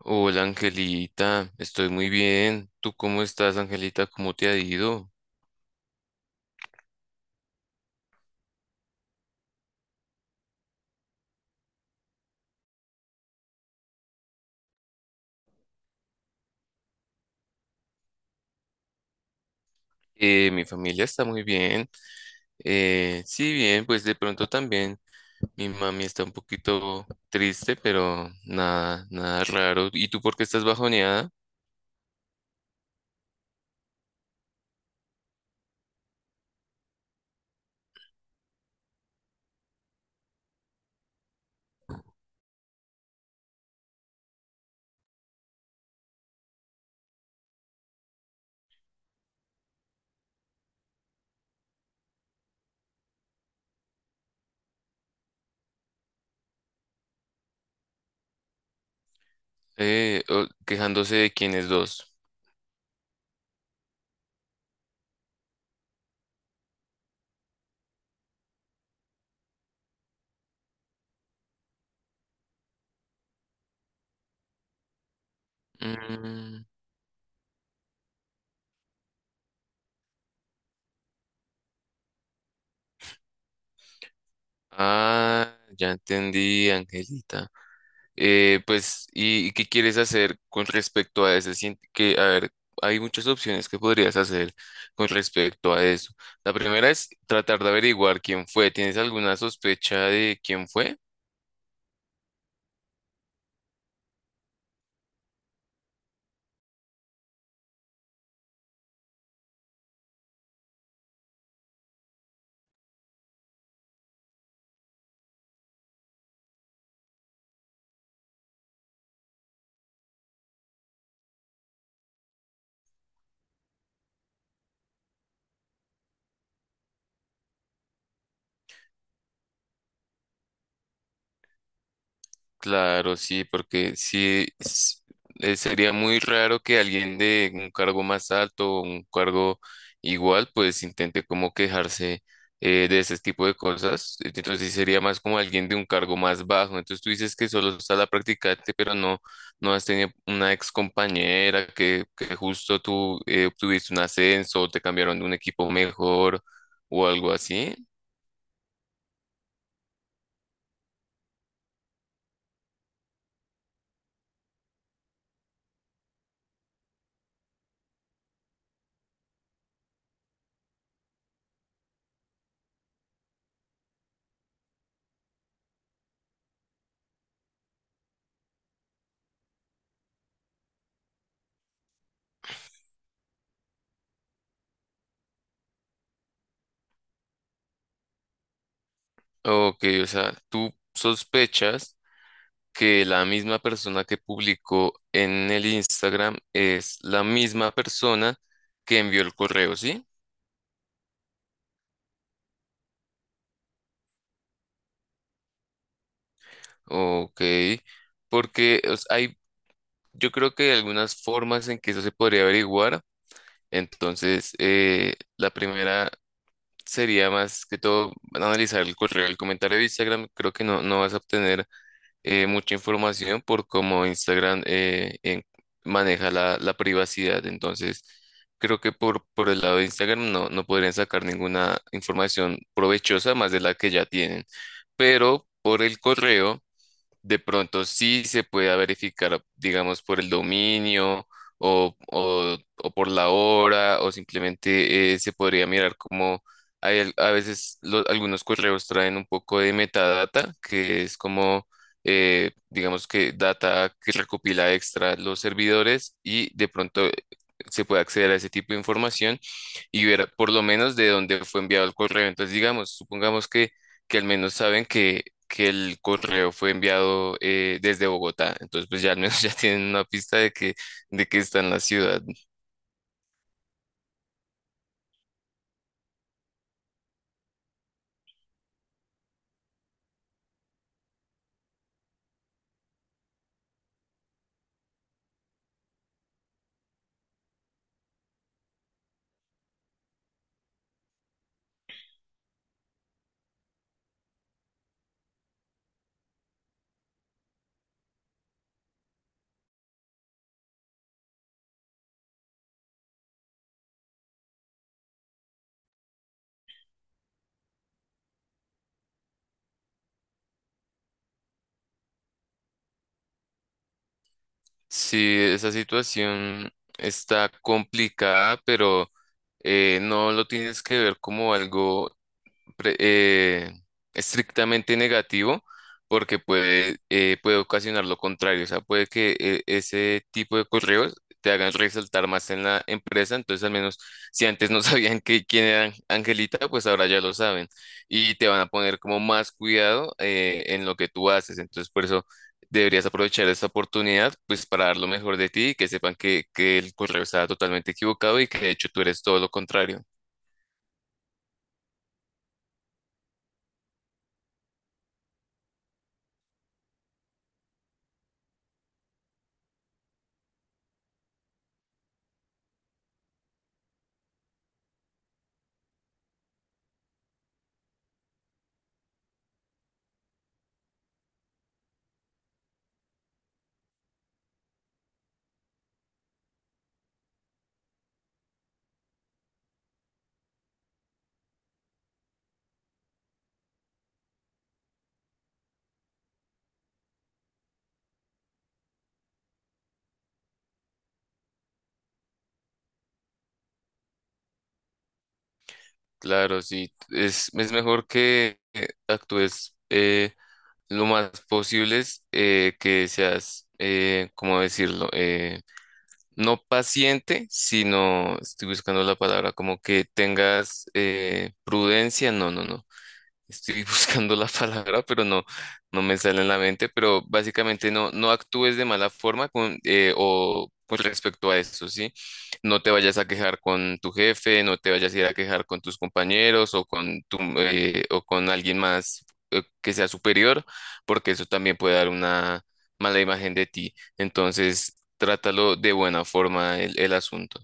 Hola Angelita, estoy muy bien. ¿Tú cómo estás, Angelita? ¿Cómo te ha ido? Mi familia está muy bien. Sí, bien, pues de pronto también mi mami está un poquito triste, pero nada, nada raro. ¿Y tú por qué estás bajoneada? Quejándose de quiénes dos. Mm, ah, ya entendí, Angelita. Pues, ¿y qué quieres hacer con respecto a eso? Que, a ver, hay muchas opciones que podrías hacer con respecto a eso. La primera es tratar de averiguar quién fue. ¿Tienes alguna sospecha de quién fue? Claro, sí, porque sí sería muy raro que alguien de un cargo más alto o un cargo igual, pues intente como quejarse de ese tipo de cosas. Entonces sí sería más como alguien de un cargo más bajo. Entonces tú dices que solo está la practicante, pero no, no has tenido una ex compañera que justo tú obtuviste un ascenso o te cambiaron de un equipo mejor o algo así. Ok, o sea, tú sospechas que la misma persona que publicó en el Instagram es la misma persona que envió el correo, ¿sí? Ok, porque o sea, yo creo que hay algunas formas en que eso se podría averiguar. Entonces, la primera sería más que todo analizar el correo, el comentario de Instagram. Creo que no, no vas a obtener mucha información por cómo Instagram maneja la privacidad. Entonces, creo que por el lado de Instagram no, no podrían sacar ninguna información provechosa más de la que ya tienen. Pero por el correo de pronto sí se pueda verificar, digamos, por el dominio o por la hora, o simplemente se podría mirar como a veces algunos correos traen un poco de metadata, que es como, digamos que data que recopila extra los servidores y de pronto se puede acceder a ese tipo de información y ver por lo menos de dónde fue enviado el correo. Entonces, digamos, supongamos que al menos saben que el correo fue enviado desde Bogotá. Entonces, pues ya al menos ya tienen una pista de que está en la ciudad. Sí, esa situación está complicada, pero no lo tienes que ver como algo pre- eh, estrictamente negativo porque puede ocasionar lo contrario. O sea, puede que ese tipo de correos te hagan resaltar más en la empresa. Entonces, al menos si antes no sabían quién era Angelita, pues ahora ya lo saben y te van a poner como más cuidado en lo que tú haces. Entonces, por eso deberías aprovechar esta oportunidad pues para dar lo mejor de ti y que sepan que el correo está totalmente equivocado y que de hecho tú eres todo lo contrario. Claro, sí, es mejor que actúes lo más posible, que seas, ¿cómo decirlo? No paciente, sino, estoy buscando la palabra, como que tengas prudencia, no, no, no. Estoy buscando la palabra, pero no, no me sale en la mente, pero básicamente no, no actúes de mala forma o con respecto a eso, ¿sí? No te vayas a quejar con tu jefe, no te vayas a ir a quejar con tus compañeros o o con alguien más que sea superior, porque eso también puede dar una mala imagen de ti. Entonces, trátalo de buena forma el asunto.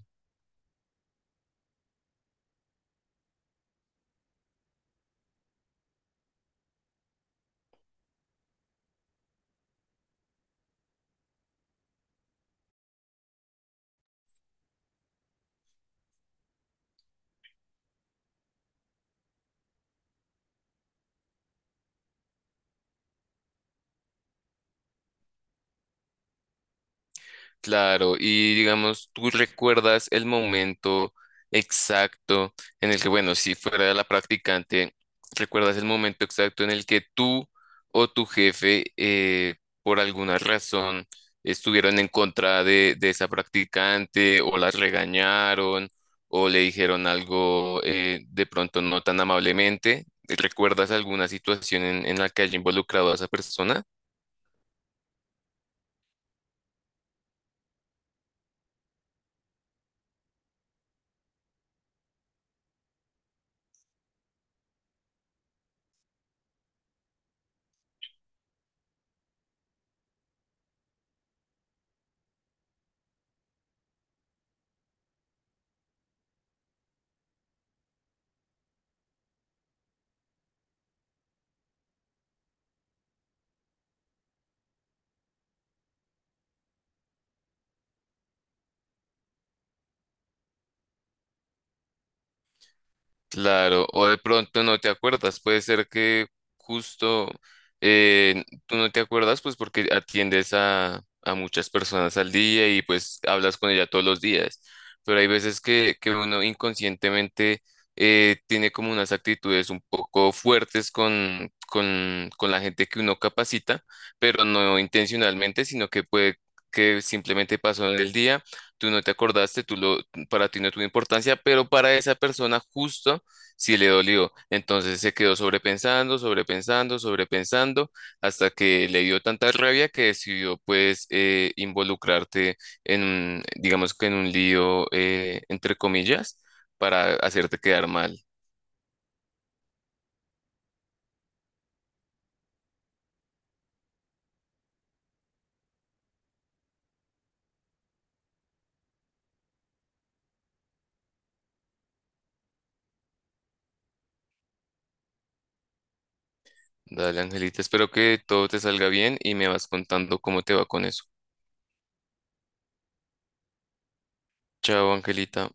Claro, y digamos, ¿tú recuerdas el momento exacto en el que, bueno, si fuera la practicante, recuerdas el momento exacto en el que tú o tu jefe, por alguna razón, estuvieron en contra de esa practicante o las regañaron o le dijeron algo de pronto no tan amablemente? ¿Recuerdas alguna situación en la que haya involucrado a esa persona? Claro, o de pronto no te acuerdas, puede ser que justo tú no te acuerdas pues porque atiendes a muchas personas al día y pues hablas con ella todos los días, pero hay veces que uno inconscientemente tiene como unas actitudes un poco fuertes con la gente que uno capacita, pero no intencionalmente, sino que puede que simplemente pasó en el día, tú no te acordaste, para ti no tuvo importancia, pero para esa persona justo si le dolió. Entonces se quedó sobrepensando, sobrepensando, sobrepensando, hasta que le dio tanta rabia que decidió pues involucrarte digamos que en un lío, entre comillas, para hacerte quedar mal. Dale, Angelita, espero que todo te salga bien y me vas contando cómo te va con eso. Chao, Angelita.